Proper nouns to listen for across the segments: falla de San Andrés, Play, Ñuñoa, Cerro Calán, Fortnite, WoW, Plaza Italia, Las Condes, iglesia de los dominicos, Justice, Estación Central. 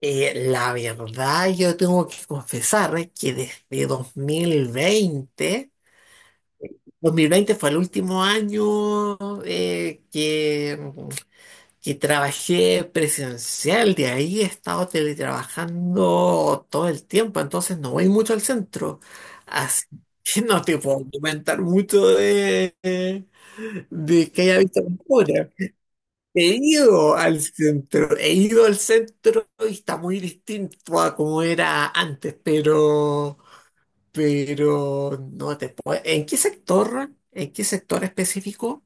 La verdad, yo tengo que confesar, que desde dos mil veinte fue el último año, que trabajé presencial. De ahí he estado teletrabajando todo el tiempo, entonces no voy mucho al centro, así que no te puedo comentar mucho de que haya visto ahora. He ido al centro y está muy distinto a como era antes, pero no te puedo. ¿En qué sector? ¿En qué sector específico?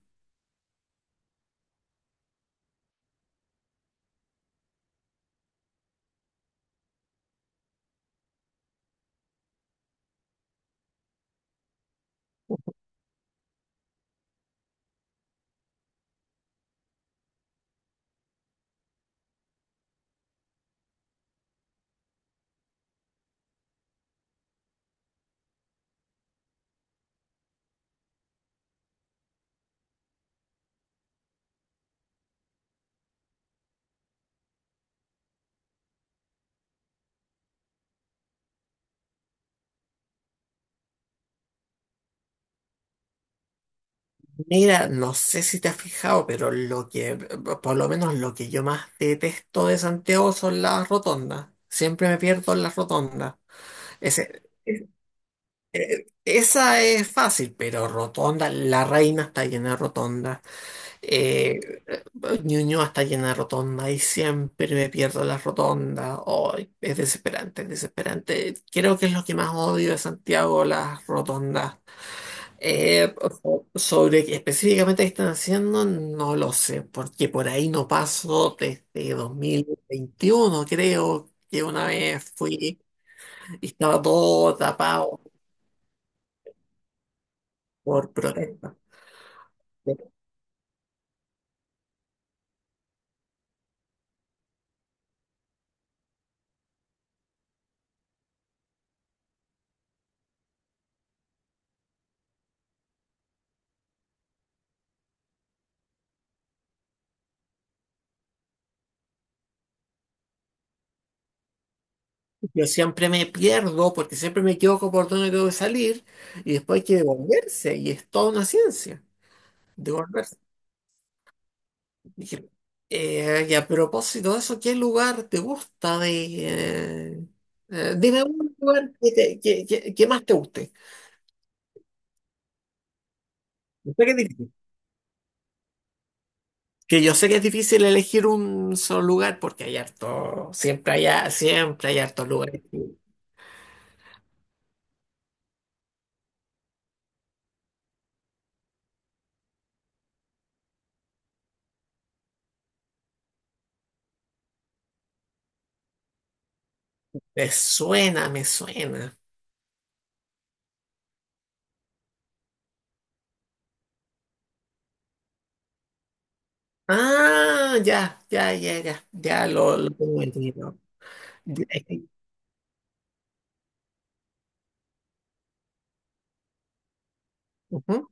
Mira, no sé si te has fijado, pero por lo menos lo que yo más detesto de Santiago son las rotondas. Siempre me pierdo en las rotondas. Ese- Esa es fácil, pero rotonda, La Reina está llena de rotondas. Eh, Ñuñoa está llena de rotondas y siempre me pierdo las rotondas. Ay, es desesperante, es desesperante. Creo que es lo que más odio de Santiago, las rotondas. Eh, Sobre qué específicamente qué están haciendo, no lo sé, porque por ahí no paso desde 2021. Creo que una vez fui y estaba todo tapado por protesta. Yo siempre me pierdo porque siempre me equivoco por dónde tengo que salir y después hay que devolverse y es toda una ciencia devolverse. Dije, y a propósito de eso, ¿qué lugar te gusta de... eh, dime un lugar que más te guste. Yo sé que es difícil. Que yo sé que es difícil elegir un solo lugar porque hay harto, siempre hay hartos lugares. Me suena, me suena. Ah, ya, ya, ya, ya, ya lo tengo entendido. Eh, eh, Ujú.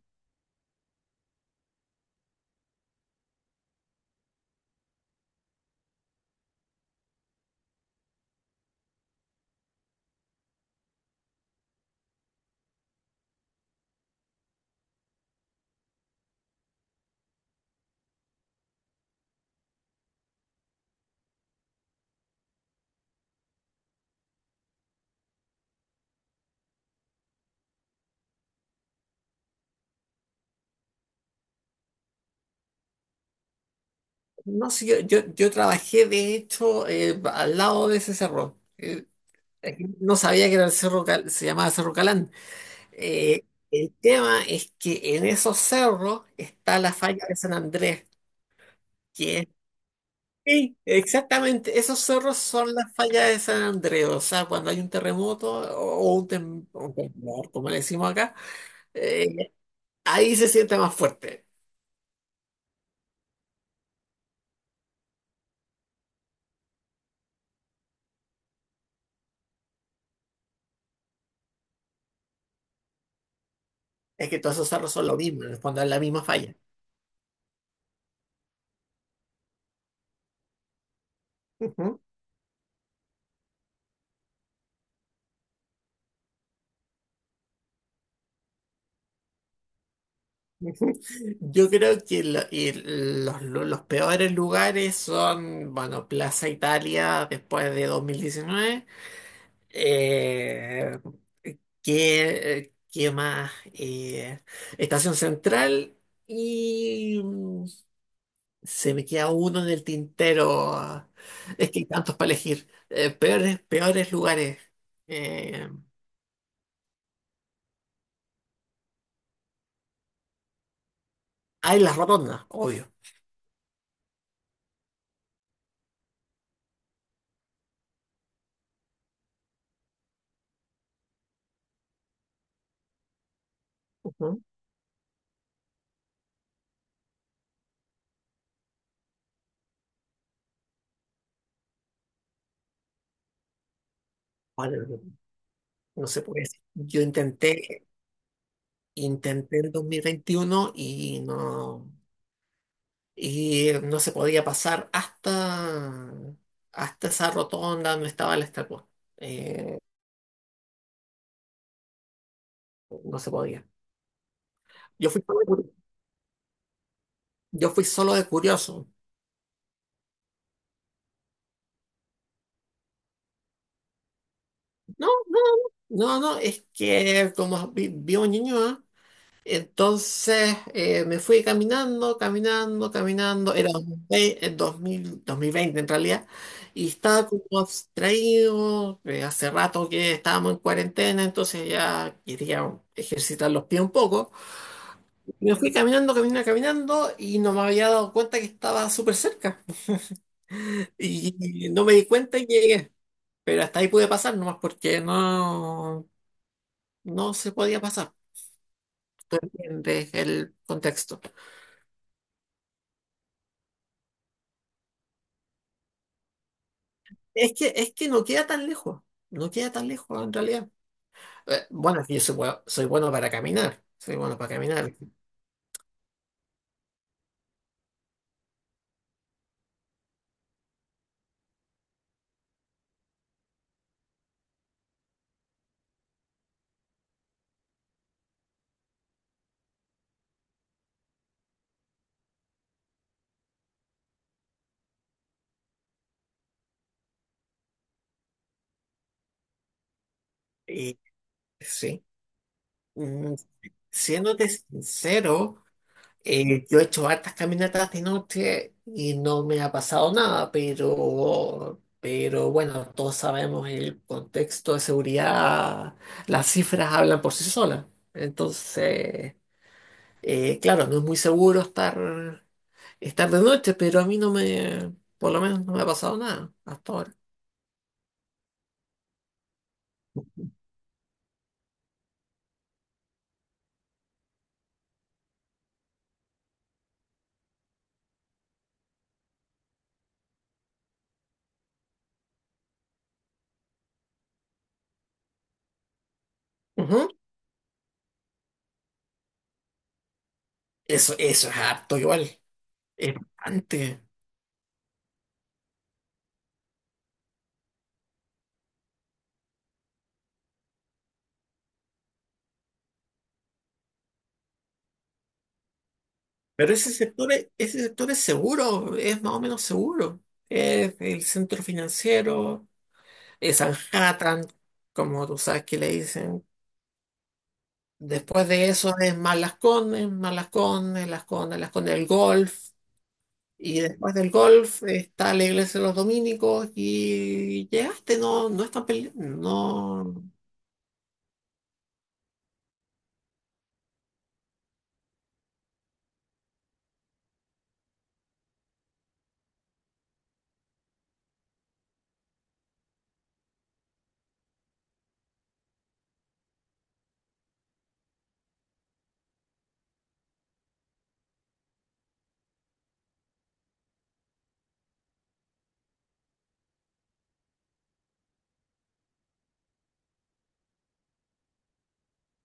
No, sí, yo trabajé de hecho, al lado de ese cerro. No sabía que era el cerro, se llamaba Cerro Calán. Eh, el tema es que en esos cerros está la falla de San Andrés. que es- Sí, exactamente, esos cerros son las fallas de San Andrés. O sea, cuando hay un terremoto o un temblor, como le decimos acá, eh, ahí se siente más fuerte. Es que todos esos cerros son lo mismo, en el fondo es la misma falla. Yo creo que y los peores lugares son, bueno, Plaza Italia después de 2019. Eh, ¿qué más? Estación Central y se me queda uno en el tintero. Es que hay tantos para elegir. Peores lugares. Eh, Hay las rotondas, obvio. Ujú. Bueno, no se puede decir. Yo intenté Intenté el 2021 y no, se podía pasar hasta esa rotonda donde estaba la estatua. Eh, no se podía. Yo fui solo de, curi- yo fui solo de curioso. No, no, no, no, es que como vivo en Ñuñoa. Entonces, me fui caminando, caminando, caminando. Era 2020 en realidad. Y estaba como abstraído. Hace rato que estábamos en cuarentena, entonces ya quería ejercitar los pies un poco. Me fui caminando, caminando, caminando y no me había dado cuenta que estaba súper cerca. Y no me di cuenta y llegué. Pero hasta ahí pude pasar nomás porque no se podía pasar. Tú entiendes el contexto. Es que no queda tan lejos, no queda tan lejos en realidad. Bueno, es que yo soy bueno para caminar, soy bueno para caminar. Y sí. Mm, Siéndote sincero, yo he hecho hartas caminatas de noche y no me ha pasado nada, pero bueno, todos sabemos el contexto de seguridad, las cifras hablan por sí solas. Entonces, claro, no es muy seguro estar de noche, pero a mí no me, por lo menos no me ha pasado nada hasta ahora. Ujú. Eso es harto igual, es bastante. Pero ese sector, ese sector es seguro, es más o menos seguro. Es el centro financiero, es Manhattan, como tú sabes que le dicen. Después de eso es más Las Condes, Las Condes, Las Condes del Golf. Y después del golf está la iglesia de los dominicos y llegaste, no, no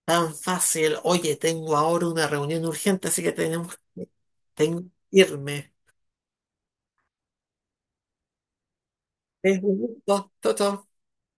tan fácil. Oye, tengo ahora una reunión urgente, así que tengo que irme. Es un gusto. Chao, chao.